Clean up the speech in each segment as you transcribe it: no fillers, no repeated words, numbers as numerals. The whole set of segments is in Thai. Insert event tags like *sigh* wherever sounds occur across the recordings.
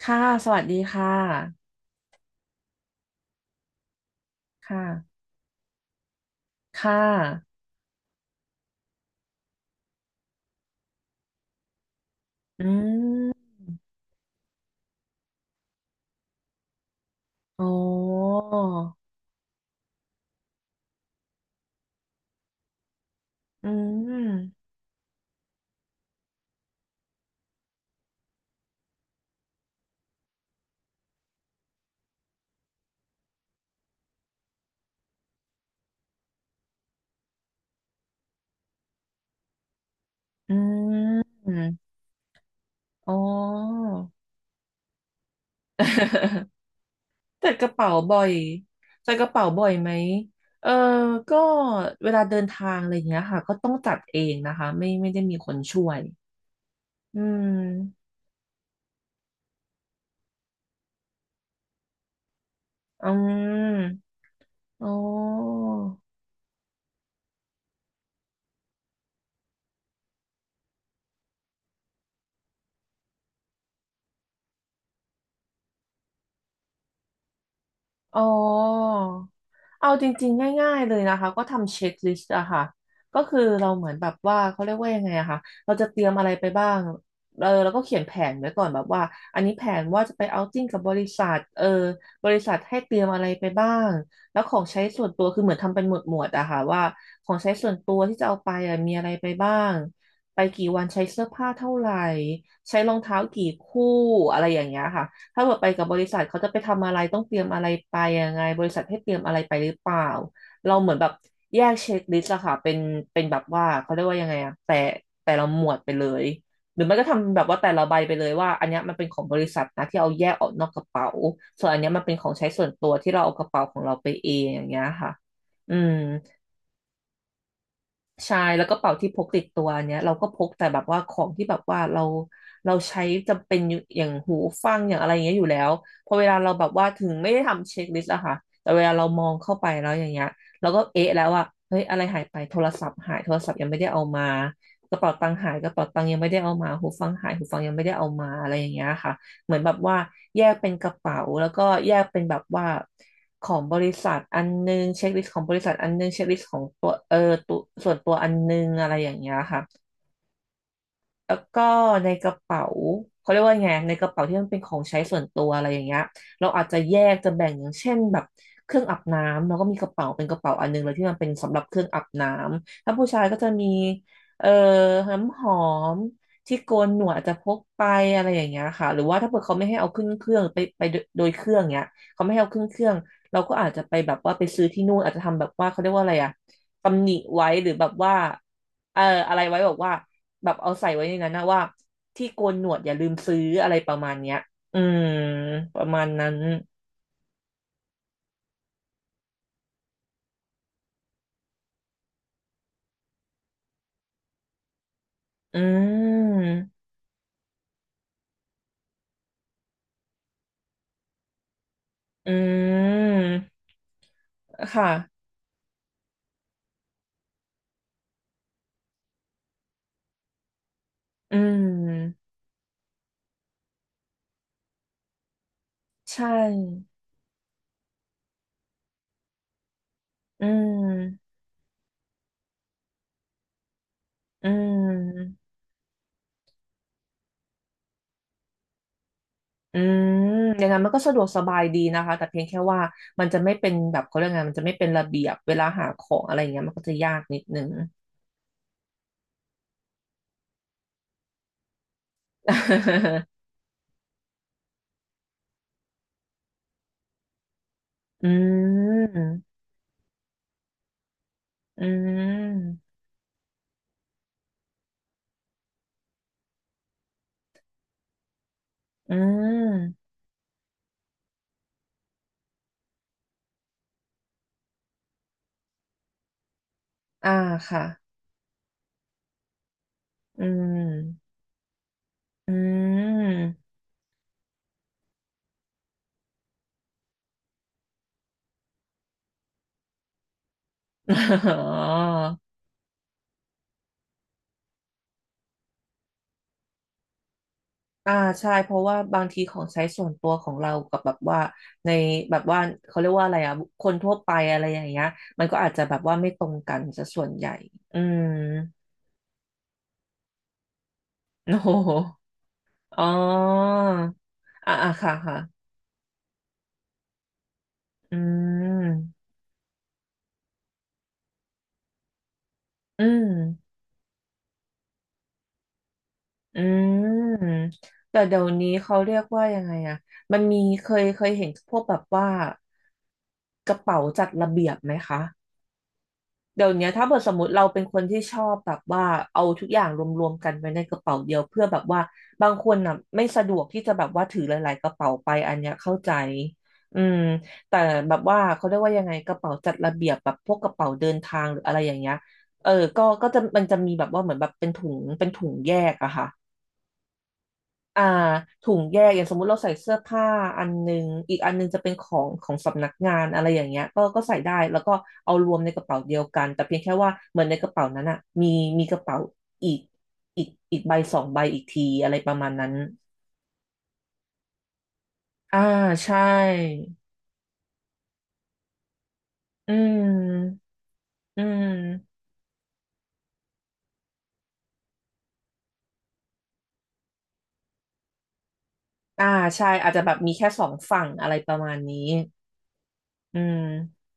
ค่ะ สวัสดีค่ะค่ะค่ะอืมโอ้ออืมอืมอ๋อ *laughs* จัดกระเป๋าบ่อยจัดกระเป๋าบ่อยไหมเออก็เวลาเดินทางอะไรอย่างเงี้ยค่ะก็ต้องจัดเองนะคะไม่ได้มีคนช่วยอืมอืมอ๋ออ๋อ เอาจริงๆ ง่ายๆเลยนะคะก็ทำเช็คลิสต์อะค่ะก็คือเราเหมือนแบบว่าเขาเรียกว่ายังไงอะค่ะเราจะเตรียมอะไรไปบ้างเออเราก็เขียนแผนไว้ก่อนแบบว่าอันนี้แผนว่าจะไปเอาท์ติ้งกับบริษัทเออบริษัทให้เตรียมอะไรไปบ้างแล้วของใช้ส่วนตัวคือเหมือนทำเป็นหมวดหมวดอะค่ะว่าของใช้ส่วนตัวที่จะเอาไปอะมีอะไรไปบ้างไปกี่วันใช้เสื้อผ้าเท่าไหร่ใช้รองเท้ากี่คู่อะไรอย่างเงี้ยค่ะ ถ้าเกิดไปกับบริษัทเขาจะไปทำอะไรต้องเตรียมอะไรไปยังไงบริษัทให้เตรียมอะไรไปหรือเปล่าเราเหมือนแบบแยกเช็คลิสต์อะค่ะเป็นแบบว่าเขาเรียกว่ายังไงอะแต่ละหมวดไปเลยหรือไม่ก็ทำแบบว่าแต่ละใบไปเลยว่าอันเนี้ยมันเป็นของบริษัทนะที่เอาแยกออกนอกกระเป๋าส่วนอันเนี้ยมันเป็นของใช้ส่วนตัวที่เราเอากระเป๋าของเราไปเองอย่างเงี้ยค่ะอืม ใช่แล้วก็เป๋าที่พกติดตัวเนี้ยเราก็พกแต่แบบว่าของที่แบบว่าเราใช้จำเป็นอยู่อย่างหูฟังอย่างอะไรอย่างเงี้ยอยู่แล้วพอเวลาเราแบบว่าถึงไม่ได้ทำเช็คลิสต์อะค่ะแต่เวลาเรามองเข้าไปแล้วอย่างเงี้ยเราก็เอ๊ะแล้วว่าเฮ้ยอะไรหายไปโทรศัพท์หายโทรศัพท์ยังไม่ได้เอามากระเป๋าตังค์หายกระเป๋าตังค์ยังไม่ได้เอามาหูฟังหายหูฟังยังไม่ได้เอามาอะไรอย่างเงี้ยค่ะเหมือนแบบว่าแยกเป็นกระเป๋าแล้วก็แยกเป็นแบบว่า ของบริษัทอันนึงเช็คลิสต์ของบริษัทอันนึงเช็คลิสต์ของตัวเออตัวส่วนตัวอันนึงอะไรอย่างเงี้ยค่ะ แล้วก็ในกระเป๋าเขาเรียกว่าไงในกระเป๋าที่มันเป็นของใช้ส่วนตัวอะไรอย่างเงี้ยเราอาจจะแยกจะแบ่งอย่างเช่นแบบเครื่องอาบน้ำเราก็มีกระเป๋าเป็นกระเป๋าอันหนึงเลยที่มันเป็นสำหรับเครื่องอาบน้ำถ้าผู้ชายก็จะมีเอ่อน้ำหอมที่โกนหนวดอาจจะพกไปอะไรอย่างเงี้ยค่ะหรือว่าถ้าเกิดเขาไม่ให้เอาขึ้นเครื่องไปโดยเครื่องเงี้ยเขาไม่ให้เอาขึ้นเครื่องเราก็อาจจะไปแบบว่าไปซื้อที่นู่นอาจจะทำแบบว่าเขาเรียกว่าอะไรอะตำหนิไว้หรือแบบว่า เอออะไรไว้บอกว่าแบบเอาใส่ไว้ในนั้นนะว่าที่โกนหนวดอย่าลืมซื้ออะไรประมาณเนี้ยอืมประมาณนั้นอืมอืมค่ะอืมใช่อืมอืมอืมอย่างนั้นมันก็สะดวกสบายดีนะคะแต่เพียงแค่ว่ามันจะไม่เป็นแบบเขาเรียกไงมันจะไม่เป็นระเบียบเวลาหาของอะไรอย่างเงี้ยมันก็จะยากนิดนึง *laughs* อืมอืมอืม อ่าค่ะอืมอืม *laughs* อ๋ออ่าใช่เพราะว่าบางทีของใช้ส่วนตัวของเรากับแบบว่าในแบบว่าเขาเรียกว่าอะไรอ่ะคนทั่วไปอะไรอย่างเงี้ยมันก็อาจจะแบบว่าไม่ตรงกันซะส่วนใหญ่อืม *laughs* โอ้โหอ๋ออ่าอ่าค่ะค่ะอืมอืม อืมแต่เดี๋ยวนี้เขาเรียกว่ายังไงอะมันมีเคยเห็นพวกแบบว่ากระเป๋าจัดระเบียบไหมคะเดี๋ยวเนี้ยถ้าเกิดสมมติเราเป็นคนที่ชอบแบบว่าเอาทุกอย่างรวมๆกันไว้ในกระเป๋าเดียวเพื่อแบบว่าบางคนน่ะไม่สะดวกที่จะแบบว่าถือหลายๆกระเป๋าไปอันเนี้ยเข้าใจอืมแต่แบบว่าเขาเรียกว่ายังไงกระเป๋าจัดระเบียบแบบพวกกระเป๋าเดินทางหรืออะไรอย่างเงี้ยเออก็ก็จะมันจะมีแบบว่าเหมือนแบบเป็นถุงเป็นถุงแยกอะค่ะ อ่าถุงแยกอย่างสมมุติเราใส่เสื้อผ้าอันหนึงอีกอันหนึงจะเป็นของสำนักงานอะไรอย่างเงี้ยก็ใส่ได้แล้วก็เอารวมในกระเป๋าเดียวกันแต่เพียงแค่ว่าเหมือนในกระเป๋านั้นอ่ะมีกระเป๋าอีกอีกใบสองใบอีกทีอะไรประมาณนั้นอ่าใช่อืมอืมอ่าใช่อาจจะแบบมีแค่สองฝั่งอะไรประมาณนี้อืม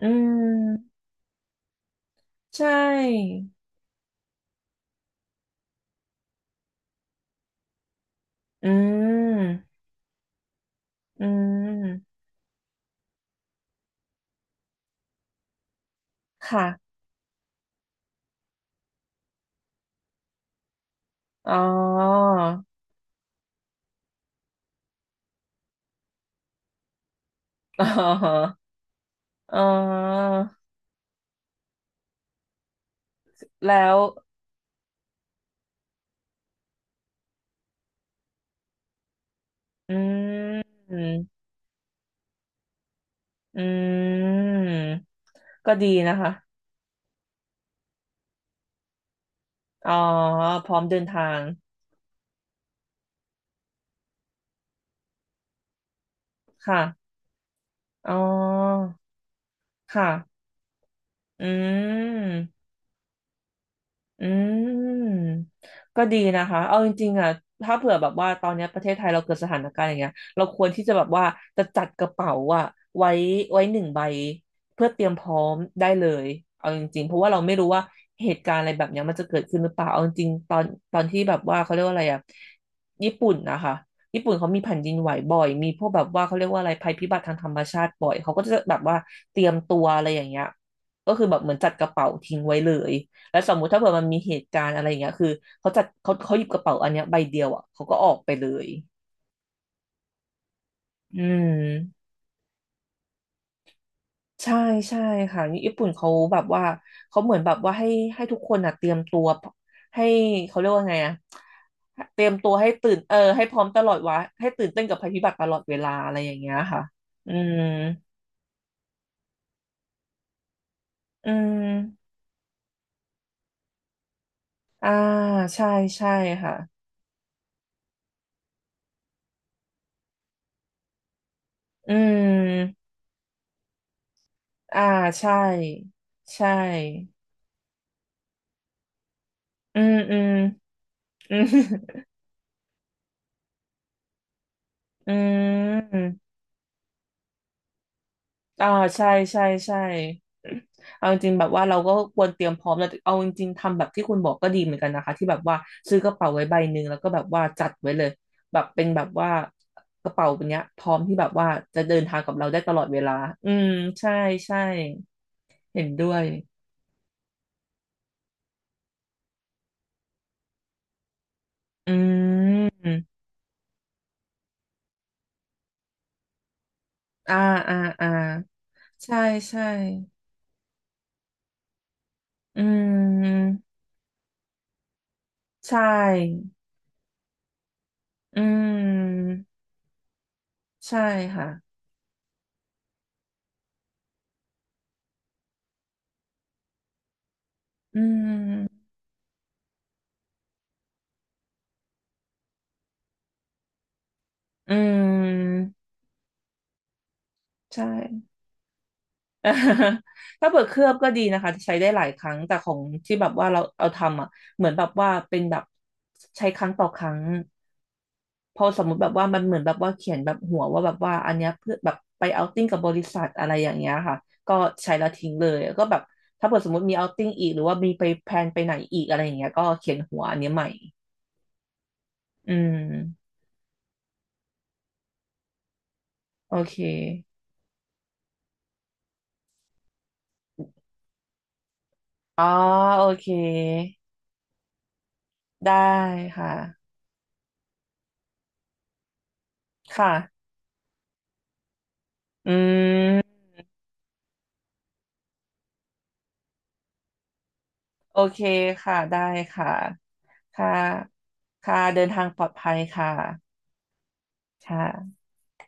อืมใช่อืมอืมค่ะอ๋อ อ๋ออ๋อ แล้ว อืม อืม ก็ดีนะคะ อ๋อ พร้อมเดินทาง ค่ะ อ๋อ ค่ะ อืม อืมก็ดีนะคะเอาจริงๆอ่ะถ้าเผื่อแบบว่าตอนเนี้ยประเทศไทยเราเกิดสถานการณ์อย่างเงี้ยเราควรที่จะแบบว่าจัดกระเป๋าอ่ะไว้ไว้หนึ่งใบเพื่อเตรียมพร้อมได้เลยเอาจริงๆเพราะว่าเราไม่รู้ว่าเหตุการณ์อะไรแบบเนี้ยมันจะเกิดขึ้นหรือเปล่าเอาจริงๆตอนที่แบบว่าเขาเรียกว่าอะไรอ่ะญี่ปุ่นนะคะญี่ปุ่นเขามีแผ่นดินไหวบ่อยมีพวกแบบว่าเขาเรียกว่าอะไรภัยพิบัติทางธรรมชาติบ่อยเขาก็จะแบบว่าเตรียมตัวอะไรอย่างเงี้ยก็คือแบบเหมือนจัดกระเป๋าทิ้งไว้เลย แล้วสมมุติถ้าเผื่อมันมีเหตุการณ์อะไรอย่างเงี้ยคือเขาหยิบกระเป๋าอันเนี้ยใบเดียวอ่ะเขาก็ออกไปเลยอืมใช่ใช่ค่ะญี่ปุ่นเขาแบบว่าเขาเหมือนแบบว่าให้ทุกคนอ่ะเตรียมตัวให้เขาเรียกว่าไงอ่ะเตรียมตัวให้ตื่นให้พร้อมตลอดวะให้ตื่นเต้นกับภัยพิบัติตลอดเวลาอะไรอย่างเงี้ยค่ะอืมอืมอ่าใช่ใช่ค่ะอืมอ่าใช่ใช่อืมอืมอืม อืมอ่าใช่ใช่ใช่เอาจริงๆแบบว่าเราก็ควรเตรียมพร้อมแล้วเอาจริงๆทำแบบที่คุณบอกก็ดีเหมือนกันนะคะที่แบบว่าซื้อกระเป๋าไว้ใบหนึ่งแล้วก็แบบว่าจัดไว้เลยแบบเป็นแบบว่ากระเป๋าแบบเนี้ยพร้อมที่แบบว่าจะเดินทางกับเราได้ตลอดเวลาอืมใช่ใช่เห็นด้วยอืมอ่าอ่าอ่าใช่ใช่อืมใช่อืมใช่ค่ะอืม อืมใช่ *laughs* ถ้าเปิดเคลือบก็ดีนะคะใช้ได้หลายครั้งแต่ของที่แบบว่าเราเอาทำอ่ะเหมือนแบบว่าเป็นแบบใช้ครั้งต่อครั้งพอสมมุติแบบว่ามันเหมือนแบบว่าเขียนแบบหัวว่าแบบว่าอันเนี้ยเพื่อแบบไปเอาติ้งกับบริษัทอะไรอย่างเงี้ยค่ะก็ใช้แล้วทิ้งเลยก็แบบถ้าเปิดสมมติมีเอาติ้งอีกหรือว่ามีไปแพลนไปไหนอีกอะไรอย่างเงี้ยก็เขียนหัวอันเนี้ยใหม่อืมโอเคอ๋อโอเคได้ค่ะค่ะอืม โอเคค่ะได้ค่ะ ค่ะ ค่ะเดินทางปลอดภัยค่ะ ค่ะ